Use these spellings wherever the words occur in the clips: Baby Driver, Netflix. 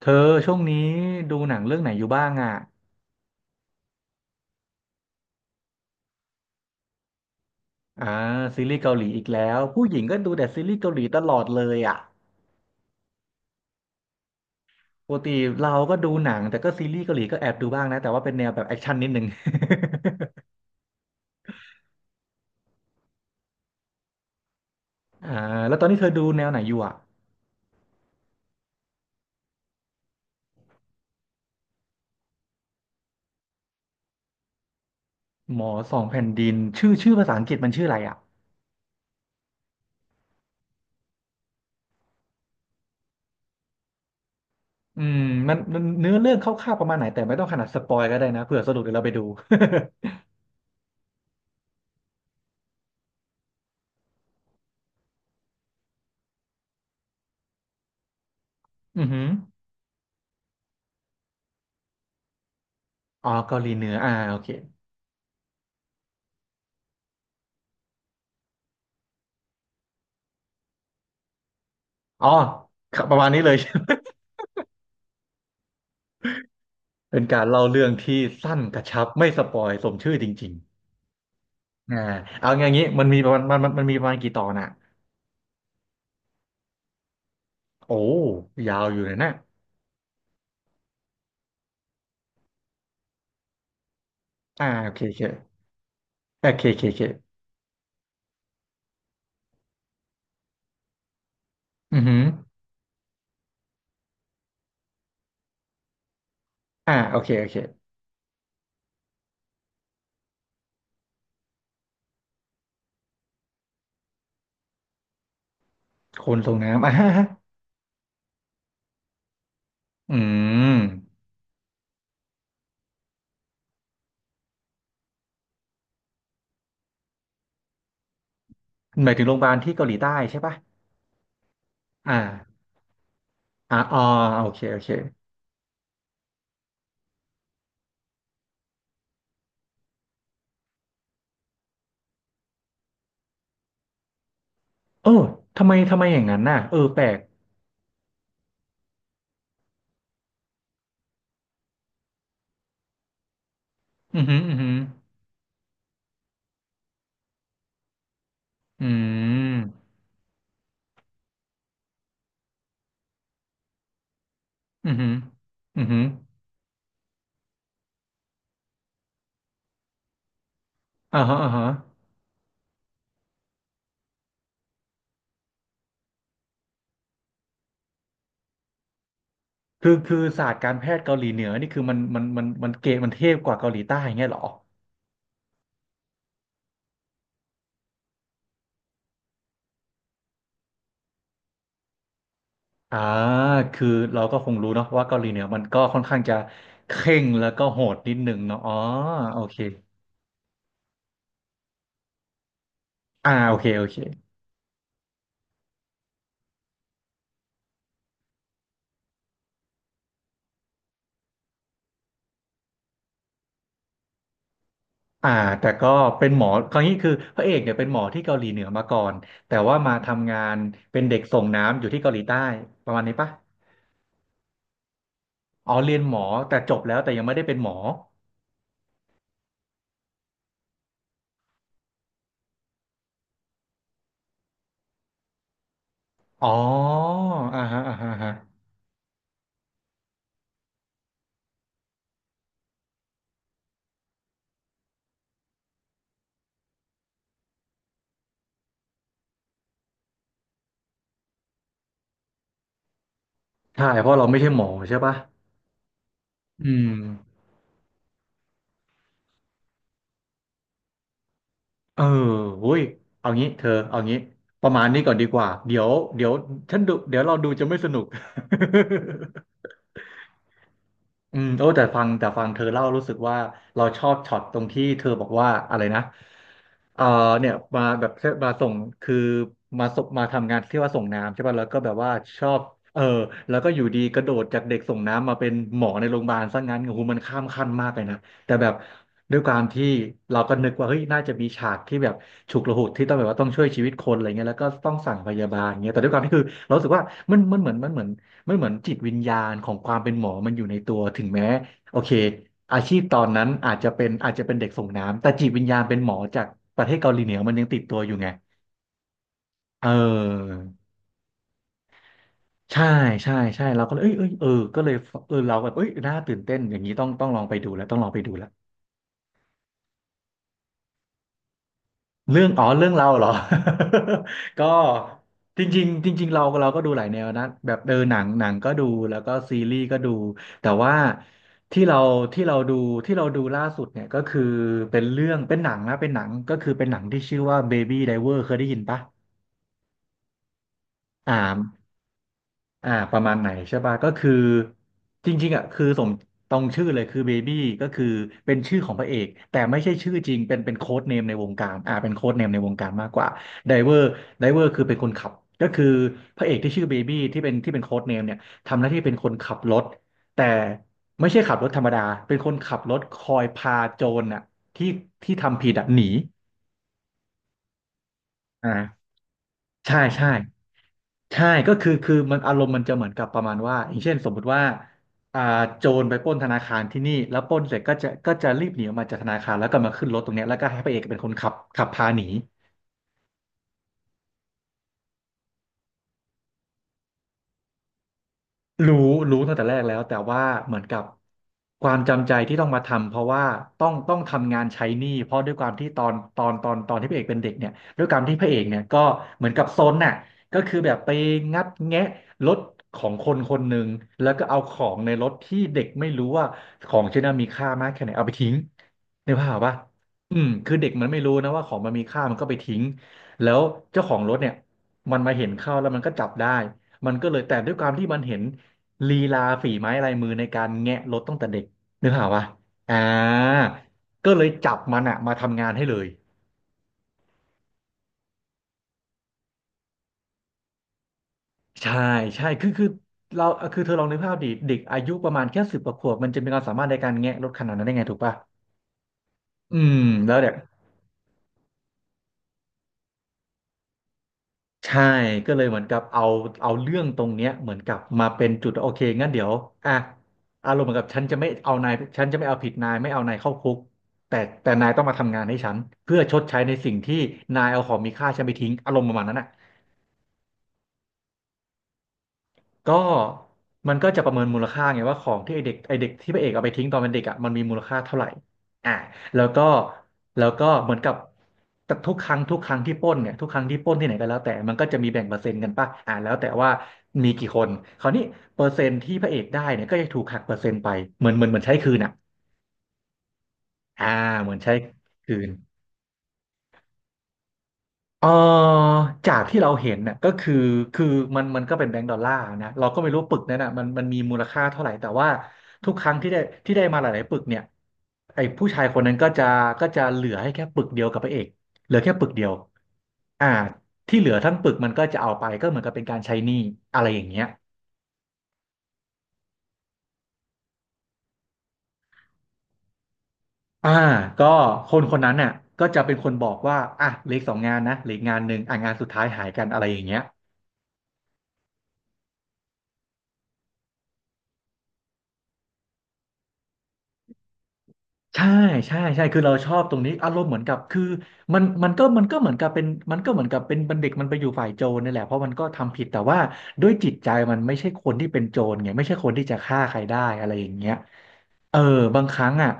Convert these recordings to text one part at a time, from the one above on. เธอช่วงนี้ดูหนังเรื่องไหนอยู่บ้างอ่ะอ่าซีรีส์เกาหลีอีกแล้วผู้หญิงก็ดูแต่ซีรีส์เกาหลีตลอดเลยอ่ะปกติเราก็ดูหนังแต่ก็ซีรีส์เกาหลีก็แอบดูบ้างนะแต่ว่าเป็นแนวแบบแอคชั่นนิดนึง อ่าแล้วตอนนี้เธอดูแนวไหนอยู่อ่ะหมอสองแผ่นดินชื่อภาษาอังกฤษมันชื่ออะไรอ่ะอืมมันเนื้อเรื่องคร่าวๆประมาณไหนแต่ไม่ต้องขนาดสปอยก็ได้นะเผื่อสะดุดเดี๋ยวเราไปดู อือหืออ๋อเกาหลีเหนืออ่าโอเคอ๋อประมาณนี้เลย เป็นการเล่าเรื่องที่สั้นกระชับไม่สปอยสมชื่อจริงๆอ่าเอาอย่างนี้มันมีประมาณมันมันมันมีประมาณกี่ตอนอ่ะโอ้ยาวอยู่เลยนะอ่าโอเคโอเคโอเคโอเคโอเคอือหืออ่าโอเคโอเคคนส่งน้ำอ่าอืมหมายถึงโรงพยาบาลที่เกาหลีใต้ใช่ปะอ่าอ่าอ๋อโอเคโอเคโอ้ทำไมอย่างนั้นน่ะเออแปลกอือหืออือหืออืมอือหืออือหืออ่าฮะอ่าฮะ คือคือศาสตร์การแพทย์เกาหลีเหนือนี่คือมันเก๋มันเทพกว่าเกาหลีใต้อย่างเงี้ยเหรออ่าคือเราก็คงรู้เนาะว่าเกาหลีเหนือมันก็ค่อนข้างจะเคร่งแล้วก็โหดนิดนึงเนาะอ๋อโอเคอ่าโอเคโอเคอ่าแต่ก็เป็นหมอคราวนี้คือพระเอกเนี่ยเป็นหมอที่เกาหลีเหนือมาก่อน แต่ว่ามาทำงานเป็นเด็กส่งน้ำอยู่ที่เกาหลีใต้ประมาณนี้ปะอ๋อเรียนหมอแต่จบแล้วแต่ยังไม่ได้เป็นหมออ๋ออ่าฮะอ่าฮะอ่าฮะใช่เพราะเราไม่ใช่หมอใช่ปะอืม เออหุ้ยเอางี้ เธอเอางี้ ประมาณนี้ก่อนดีกว่า เดี๋ยวเดี๋ยวฉันดูเดี๋ยวเราดูจะไม่สนุก อืมโอ้แต่ฟังเธอเล่ารู้สึกว่าเราชอบช็อตตรงที่เธอบอกว่าอะไรนะเออเนี่ยมาแบบมาส่งคือมาทำงานที่ว่าส่งน้ำใช่ป่ะแล้วก็แบบว่าชอบเออแล้วก็อยู่ดีกระโดดจากเด็กส่งน้ำมาเป็นหมอในโรงพยาบาลซะงั้นโอ้โหมันข้ามขั้นมากเลยนะแต่แบบด้วยความที่เราก็นึกว่าเฮ้ยน่าจะมีฉากที่แบบฉุกละหุกที่ต้องแบบว่าต้องช่วยชีวิตคนอะไรเงี้ยแล้วก็ต้องสั่งพยาบาลเงี้ยแต่ด้วยความที่คือเรารู้สึกว่ามันมันเหมือนมันเหมือน มันเหมือนจิตวิญญาณของความเป็นหมอมันอยู่ในตัวถึงแม้โอเคอาชีพตอนนั้นอาจจะเป็นเด็กส่งน้ำแต่จิตวิญญาณเป็นหมอจากประเทศเกาหลีเหนือมันยังติดตัวอยู่ไงเออใช่ใช่เราก็เลยเอ้ยเออก็เลยเออเราแบบเอ้ยน่าตื่นเต้นอย่างนี้ต้องลองไปดูแล้วต้องลองไปดูแล้ว เรื่องอ๋อเรื่องเราเหรอ ก็จริงๆจริงๆเราก็ดูหลายแนวนะแบบเออหนังก็ดูแล้วก็ซีรีส์ก็ดูแต่ว่าที่เราที่เราดูที่เราดูล่าสุดเนี่ยก็คือเป็นเรื่องเป็นหนังนะเป็นหนังก็คือเป็นหนังที่ชื่อว่า Baby Driver เคยได้ยินปะอ่า อ่าประมาณไหนใช่ป่ะก็คือจริงๆอ่ะคือสมตรงชื่อเลยคือเบบี้ก็คือเป็นชื่อของพระเอกแต่ไม่ใช่ชื่อจริงเป็นโค้ดเนมในวงการอ่าเป็นโค้ดเนมในวงการมากกว่าไดเวอร์ไดเวอร์คือเป็นคนขับก็คือพระเอกที่ชื่อเบบี้ที่เป็นโค้ดเนมเนี่ยทำหน้าที่เป็นคนขับรถแต่ไม่ใช่ขับรถธรรมดาเป็นคนขับรถคอยพาโจรน่ะที่ที่ทำผิดอ่ะหนีอ่าใช่ใช่ ใช่ก็คือคือมันอารมณ์มันจะเหมือนกับประมาณว่าอย่างเช่นสมมุติว่าอ่าโจรไปปล้นธนาคารที่นี่แล้วปล้นเสร็จก็จะรีบหนีออกมาจากธนาคารแล้วก็มาขึ้นรถตรงเนี้ยแล้วก็ให้พระเอกเป็นคนขับขับพาหนี รู้รู้ตั้งแต่แรกแล้วแต่ว่าเหมือนกับความจำใจที่ต้องมาทำเพราะว่าต้องทำงานใช้หนี้เพราะด้วยความที่ตอนที่พระเอกเป็นเด็กเนี่ยด้วยความที่พระเอกเนี่ยก็เหมือนกับซนน่ะก็คือแบบไปงัดแงะรถของคนคนหนึ่งแล้วก็เอาของในรถที่เด็กไม่รู้ว่าของชิ้นนั้นมีค่ามากแค่ไหนเอาไปทิ้งในภาพปะอืมคือเด็กมันไม่รู้นะว่าของมันมีค่ามันก็ไปทิ้งแล้วเจ้าของรถเนี่ยมันมาเห็นเข้าแล้วมันก็จับได้มันก็เลยแต่ด้วยความที่มันเห็น ลีลาฝีไม้ลายมือในการแงะรถตั้งแต่เด็กนึกภาพวะอ่าก็เลยจับมันอะมาทำงานให้เลยใช่ใช่คือเราคือเธอลองนึกภาพดิเด็กอายุประมาณแค่สิบกว่าขวบมันจะมีความสามารถในการแงะรถขนาดนั้นได้ไงถูกป่ะอืมแล้วเนี่ย ใช่ก็เลยเหมือนกับเอาเรื่องตรงเนี้ยเหมือนกับมาเป็นจุดโอเคงั้นเดี๋ยวอ่ะอารมณ์เหมือนกับฉันจะไม่เอานายฉันจะไม่เอาผิดนายไม่เอานายเข้าคุกแต่แต่นายต้องมาทำงานให้ฉันเพื่อชดใช้ในสิ่งที่นายเอาของมีค่าฉันไปทิ้งอารมณ์ประมาณนั้นอ่ะ ก็มันก็จะประเมินมูลค่าไงว่าของที่ไอเด็กที่พระเอกเอาไปทิ้งตอนเป็นเด็กอ่ะมันมีมูลค่าเท่าไหร่อ่าแล้วก็แล้วก็เหมือนกับแต่ทุกครั้งที่ปล้นเนี่ยทุกครั้งที่ปล้นที่ไหนก็แล้วแต่มันก็จะมีแบ่งเปอร์เซ็นต์กันป่ะอ่าแล้วแต่ว่ามีกี่คนคราวนี้เปอร์เซ็นต์ที่พระเอกได้เนี่ยก็จะถูกหักเปอร์เซ็นต์ไปเหมือนใช้คืนอ่ะอ่าเหมือนใช้คืน เออจากที่เราเห็นน่ะก็คือคือมันก็เป็นแบงก์ดอลลาร์นะเราก็ไม่รู้ปึกนั้นน่ะมันมีมูลค่าเท่าไหร่แต่ว่าทุกครั้งที่ได้ที่ได้มาหลายๆปึกเนี่ยไอ้ผู้ชายคนนั้นก็จะก็จะเหลือให้แค่ปึกเดียวกับพระเอกเหลือแค่ปึกเดียวอ่าที่เหลือทั้งปึกมันก็จะเอาไปก็เหมือนกับเป็นการใช้หนี้อะไรอย่างเงี้ยอ่าก็คนคนนั้นน่ะก็จะเป็นคนบอกว่าอ่ะเหลืออกสองงานนะเหลืออกงานหนึ่งอ่ะงานสุดท้ายหายกันอะไรอย่างเงี้ย ใช่ใช่คือเราชอบตรงนี้อารมณ์เหมือนกับคือมันมันก็มันก็เหมือนกับเป็นมันก็เหมือนกับเป็นบัณฑิตมันไปอยู่ฝ่ายโจรนี่แหละเพราะมันก็ทำผิดแต่ว่าด้วยจิตใจมันไม่ใช่คนที่เป็นโจรไงไม่ใช่คนที่จะฆ่าใครได้อะไรอย่างเงี้ยเออบางครั้งอ่ะ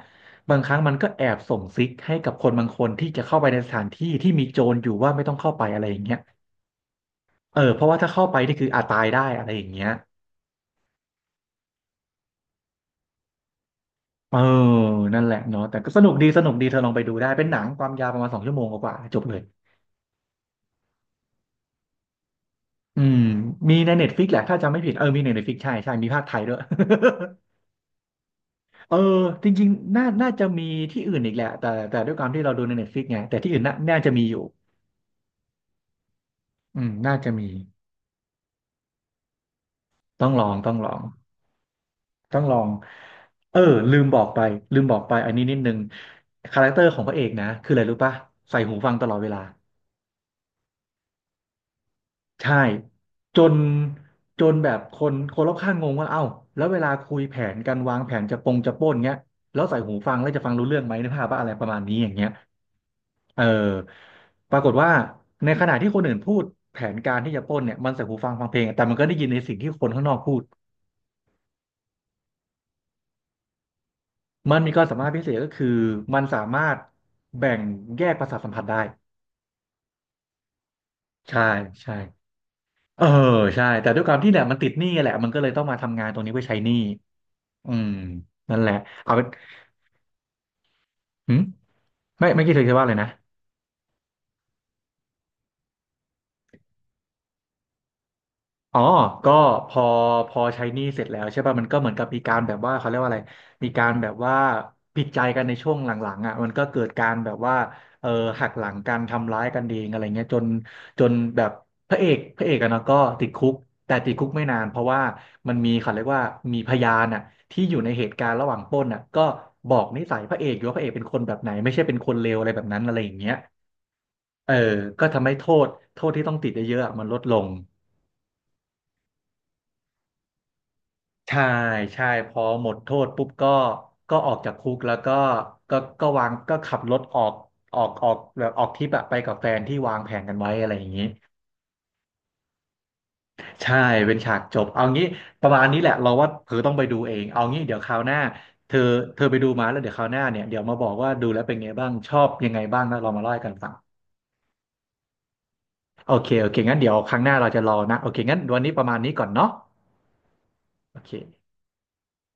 บางครั้งมันก็แอบส่งซิกให้กับคนบางคนที่จะเข้าไปในสถานที่ที่มีโจรอยู่ว่าไม่ต้องเข้าไปอะไรอย่างเงี้ยเออเพราะว่าถ้าเข้าไปนี่คืออาจตายได้อะไรอย่างเงี้ยเออนั่นแหละเนาะแต่ก็สนุกดีเธอลองไปดูได้เป็นหนังความยาวประมาณสองชั่วโมงกว่าๆจบเลย อืมมีในเน็ตฟิกแหละถ้าจำไม่ผิดเออมีในเน็ตฟิกใช่ใช่มีภาคไทยด้วย เออจริงๆน่าจะมีที่อื่นอีกแหละแต่ด้วยความที่เราดูในเน็ตฟิกไงแต่ที่อื่นน่าจะมีอยู่อืมน่าจะมีต้องลองต้องลองต้องลองเออลืมบอกไปลืมบอกไปอันนี้นิดนึงคาแรคเตอร์ของพระเอกนะคืออะไรรู้ป่ะใส่หูฟังตลอดเวลา ใช่จนจนแบบคนคนรอบข้างงงว่าเอ้าแล้วเวลาคุยแผนกันวางแผนจะปล้นเงี้ยแล้วใส่หูฟังแล้วจะฟังรู้เรื่องไหมนึกภาพว่าอะไรประมาณนี้อย่างเงี้ยเออปรากฏว่าในขณะที่คนอื่นพูดแผนการที่จะปล้นเนี่ยมันใส่หูฟังฟังเพลงแต่มันก็ได้ยินในสิ่งที่คนข้างนอกพูดมันมีความสามารถพิเศษก็คือมันสามารถแบ่งแยกประสาทสัมผัสได้ใช่ใช่เออใช่แต่ด้วยความที่เนี่ยมันติดหนี้แหละมันก็เลยต้องมาทำงานตรงนี้เพื่อใช้หนี้ อืมนั่นแหละเอาเป็นหืมไม่คิดถึงจะว่าเลยนะอ๋อก็พอพอใช้หนี้เสร็จแล้วใช่ป่ะมันก็เหมือนกับมีการแบบว่าเขาเรียกว่าอะไรมีการแบบว่าผิดใจกันในช่วงหลังๆอ่ะมันก็เกิดการแบบว่าเออหักหลังกันทำร้ายกันเองอะไรเงี้ยจนแบบพระเอกอะเนาะก็ติดคุกแต่ติดคุกไม่นานเพราะว่ามันมีเขาเรียกว่ามีพยานอ่ะที่อยู่ในเหตุการณ์ระหว่างปล้นอ่ะก็บอกนิสัยพระเอกอยู่ว่าพระเอกเป็นคนแบบไหนไม่ใช่เป็นคนเลวอะไรแบบนั้นอะไรอย่างเงี้ย เออก็ทำให้โทษที่ต้องติดเยอะๆอะมันลดลงใช่ใช่พอหมดโทษปุ๊บก็ก็ออกจากคุกแล้วก็ก็ก็วางก็ขับรถออกแบบออกทริปอะไปกับแฟนที่วางแผนกันไว้อะไรอย่างนี้ใช่เป็นฉากจบเอางี้ประมาณนี้แหละเราว่าเธอต้องไปดูเองเอางี้เดี๋ยวคราวหน้าเธอเธอไปดูมาแล้วเดี๋ยวคราวหน้าเนี่ยเดี๋ยวมาบอกว่าดูแล้วเป็นไงบ้างชอบยังไงบ้างแล้วเรามาเล่าให้กันฟังโอเคงั้นเดี๋ยวครั้งหน้าเราจะรอนะโอเคงั้นวันนี้ประมาณนี้ก่อนเนาะโอเค